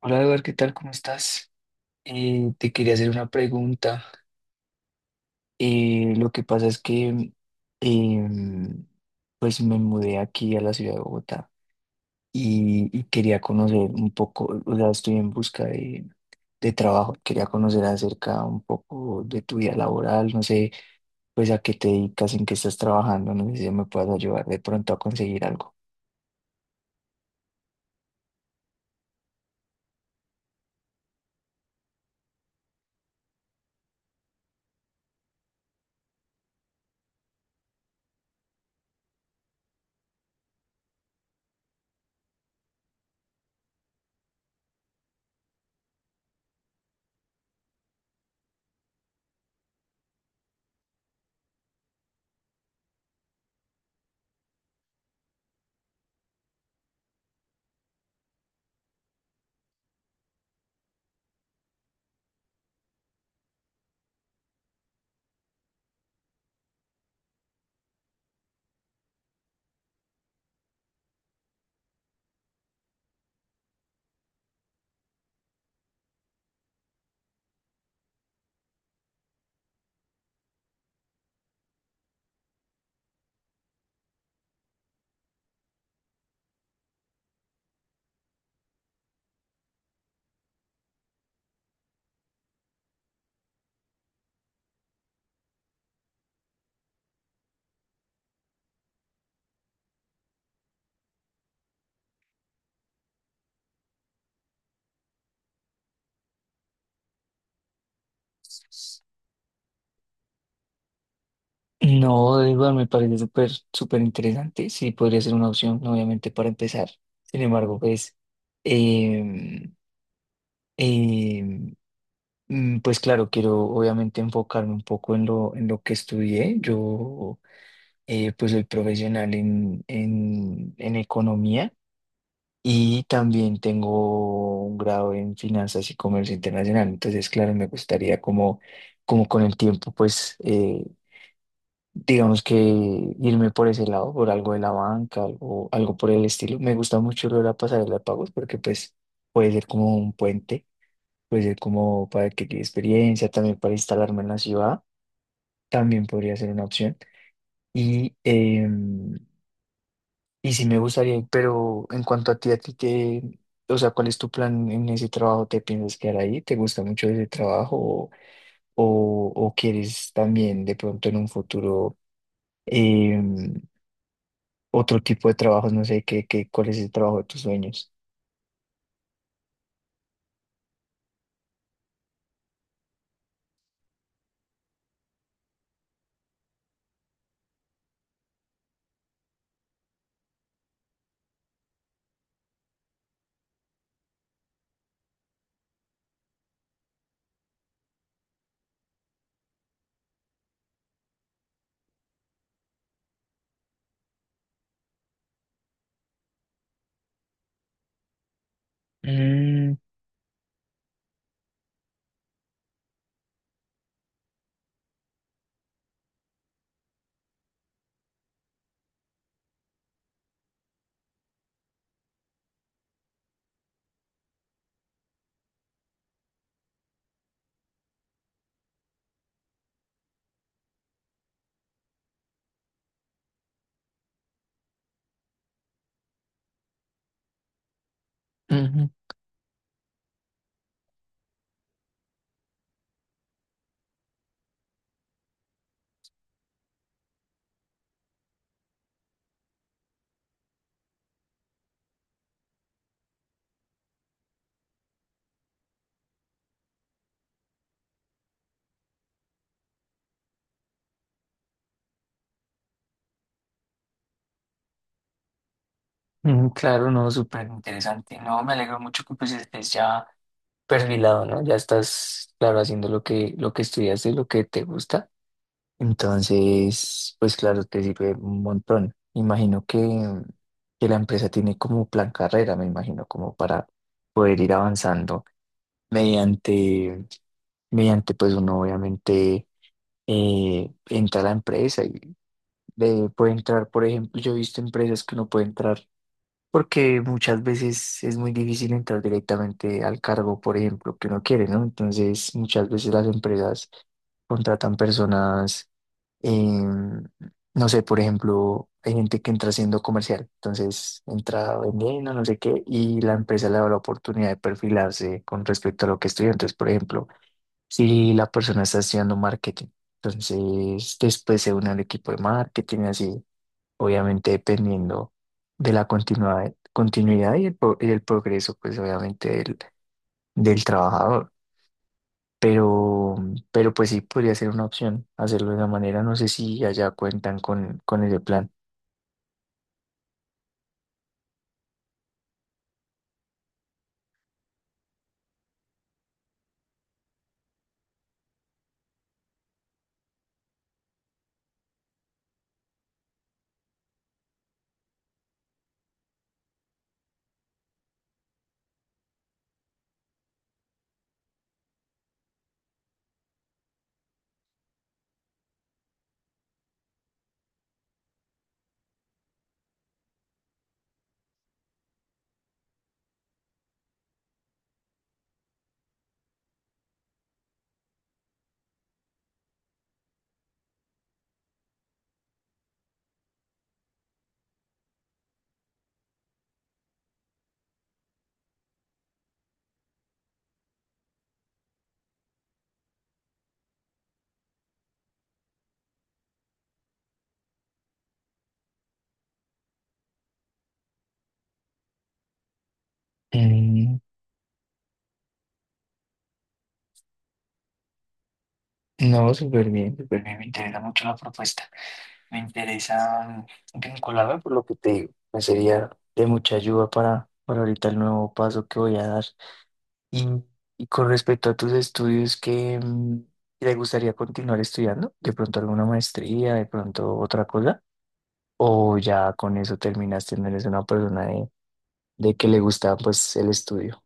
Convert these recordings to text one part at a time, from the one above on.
Hola Eduardo, ¿qué tal? ¿Cómo estás? Te quería hacer una pregunta. Lo que pasa es que em, pues me mudé aquí a la ciudad de Bogotá y quería conocer un poco, o sea, estoy en busca de trabajo, quería conocer acerca un poco de tu vida laboral, no sé, pues a qué te dedicas, en qué estás trabajando, no sé si me puedas ayudar de pronto a conseguir algo. No, de igual me parece súper, súper interesante. Sí, podría ser una opción, obviamente, para empezar. Sin embargo, pues, em, em, pues claro, quiero obviamente enfocarme un poco en en lo que estudié. Yo, pues, soy profesional en economía y también tengo un grado en finanzas y comercio internacional. Entonces, claro, me gustaría como, como con el tiempo, pues, digamos que irme por ese lado, por algo de la banca, algo, algo por el estilo. Me gusta mucho lo de la pasarela de pagos porque pues puede ser como un puente, puede ser como para adquirir experiencia, también para instalarme en la ciudad, también podría ser una opción. Y, em, y sí me gustaría, pero en cuanto a ti te, o sea, ¿cuál es tu plan en ese trabajo? ¿Te piensas quedar ahí? ¿Te gusta mucho ese trabajo o, o quieres también de pronto en un futuro? em, Otro tipo de trabajos, no sé qué, qué, cuál es el trabajo de tus sueños. Mm, ujú, ujú, claro, no, súper interesante. No, me alegro mucho que pues estés ya perfilado, ¿no? Ya estás, claro, haciendo lo que estudiaste, lo que te gusta. Entonces, pues claro, te sirve un montón. Imagino que la empresa tiene como plan carrera, me imagino, como para poder ir avanzando mediante, mediante pues uno obviamente entra a la empresa de, puede entrar, por ejemplo, yo he visto empresas que no pueden entrar porque muchas veces es muy difícil entrar directamente al cargo, por ejemplo, que uno quiere, ¿no? Entonces, muchas veces las empresas contratan personas, em, no sé, por ejemplo, hay gente que entra siendo comercial, entonces entra vendiendo, no sé qué, y la empresa le da la oportunidad de perfilarse con respecto a lo que estudia. Entonces, por ejemplo, si la persona está estudiando marketing, entonces después se une al equipo de marketing, y así obviamente dependiendo de la continuidad, continuidad y el, pro- y el progreso, pues obviamente del, del trabajador. Pero, pero pues sí podría ser una opción hacerlo de esa manera. No sé si allá cuentan con ese plan. Mm, no, súper bien, súper bien. Me interesa mucho la propuesta. Me interesa vincularme por lo que te digo. Me sería de mucha ayuda para ahorita el nuevo paso que voy a dar. Y, y con respecto a tus estudios, ¿qué te gustaría continuar estudiando? ¿De pronto alguna maestría, de pronto otra cosa? ¿O ya con eso terminaste, no eres una persona de que le gusta pues el estudio?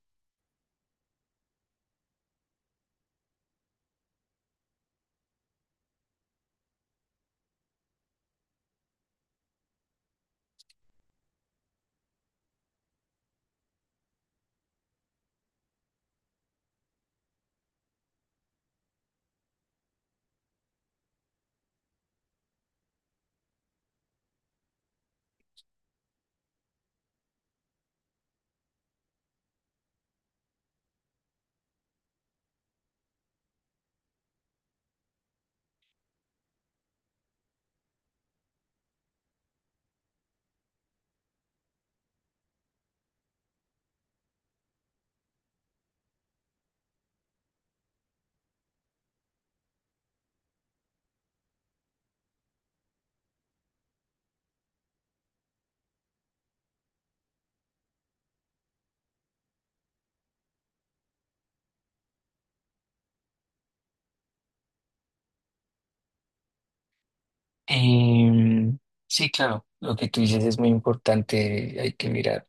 Em, sí, claro, lo que tú dices es muy importante, hay que mirar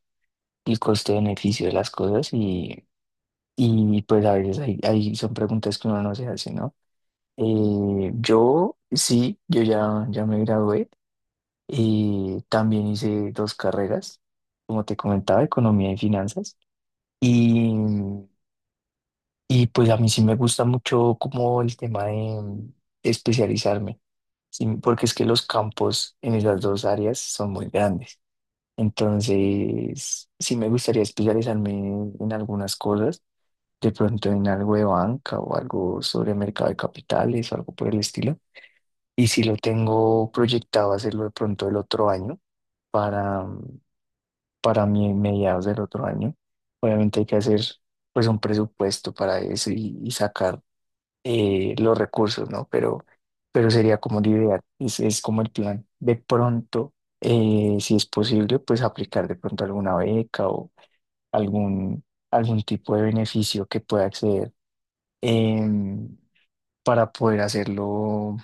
el costo-beneficio de las cosas y pues a veces hay, hay- son preguntas que uno no se hace, ¿no? Yo sí, yo ya, ya me gradué. Y también hice dos carreras, como te comentaba, economía y finanzas. Y, y pues a mí sí me gusta mucho como el tema de especializarme, sí, porque es que los campos en esas dos áreas son muy grandes. Entonces, sí me gustaría especializarme en algunas cosas, de pronto en algo de banca o algo sobre mercado de capitales o algo por el estilo. Y si lo tengo proyectado hacerlo de pronto el otro año para, para mi mediados del otro año. Obviamente hay que hacer pues un presupuesto para eso y sacar los recursos, ¿no? Pero sería como la idea, es como el plan. De pronto, si es posible, pues aplicar de pronto alguna beca o algún, algún tipo de beneficio que pueda acceder em, para poder hacerlo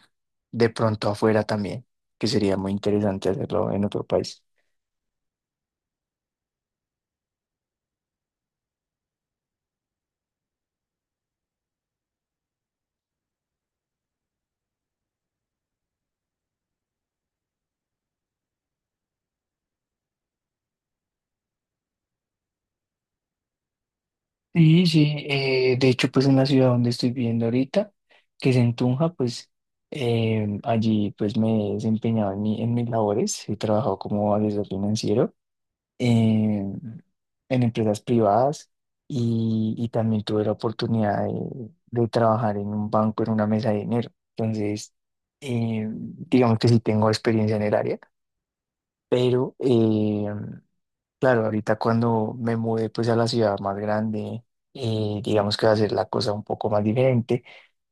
de pronto afuera también, que sería muy interesante hacerlo en otro país. Sí, sí, de hecho, pues en la ciudad donde estoy viviendo ahorita, que es en Tunja, pues allí pues me he desempeñado en, mi- en mis labores, he trabajado como asesor financiero em, en empresas privadas y también tuve la oportunidad de trabajar en un banco en una mesa de dinero. Entonces, digamos que sí tengo experiencia en el área, pero claro, ahorita cuando me mudé pues a la ciudad más grande, digamos que va a ser la cosa un poco más diferente.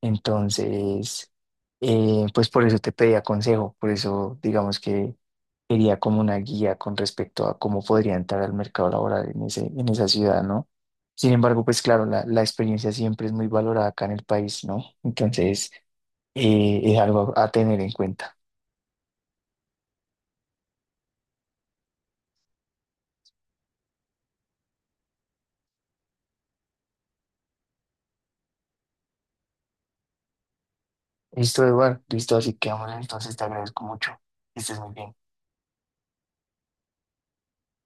Entonces, pues por eso te pedía consejo, por eso digamos que quería como una guía con respecto a cómo podría entrar al mercado laboral en ese, en esa ciudad, ¿no? Sin embargo, pues claro, la experiencia siempre es muy valorada acá en el país, ¿no? Entonces, es algo a tener en cuenta. Listo, Eduardo, listo, así que vamos, entonces te agradezco mucho. Que estés muy bien.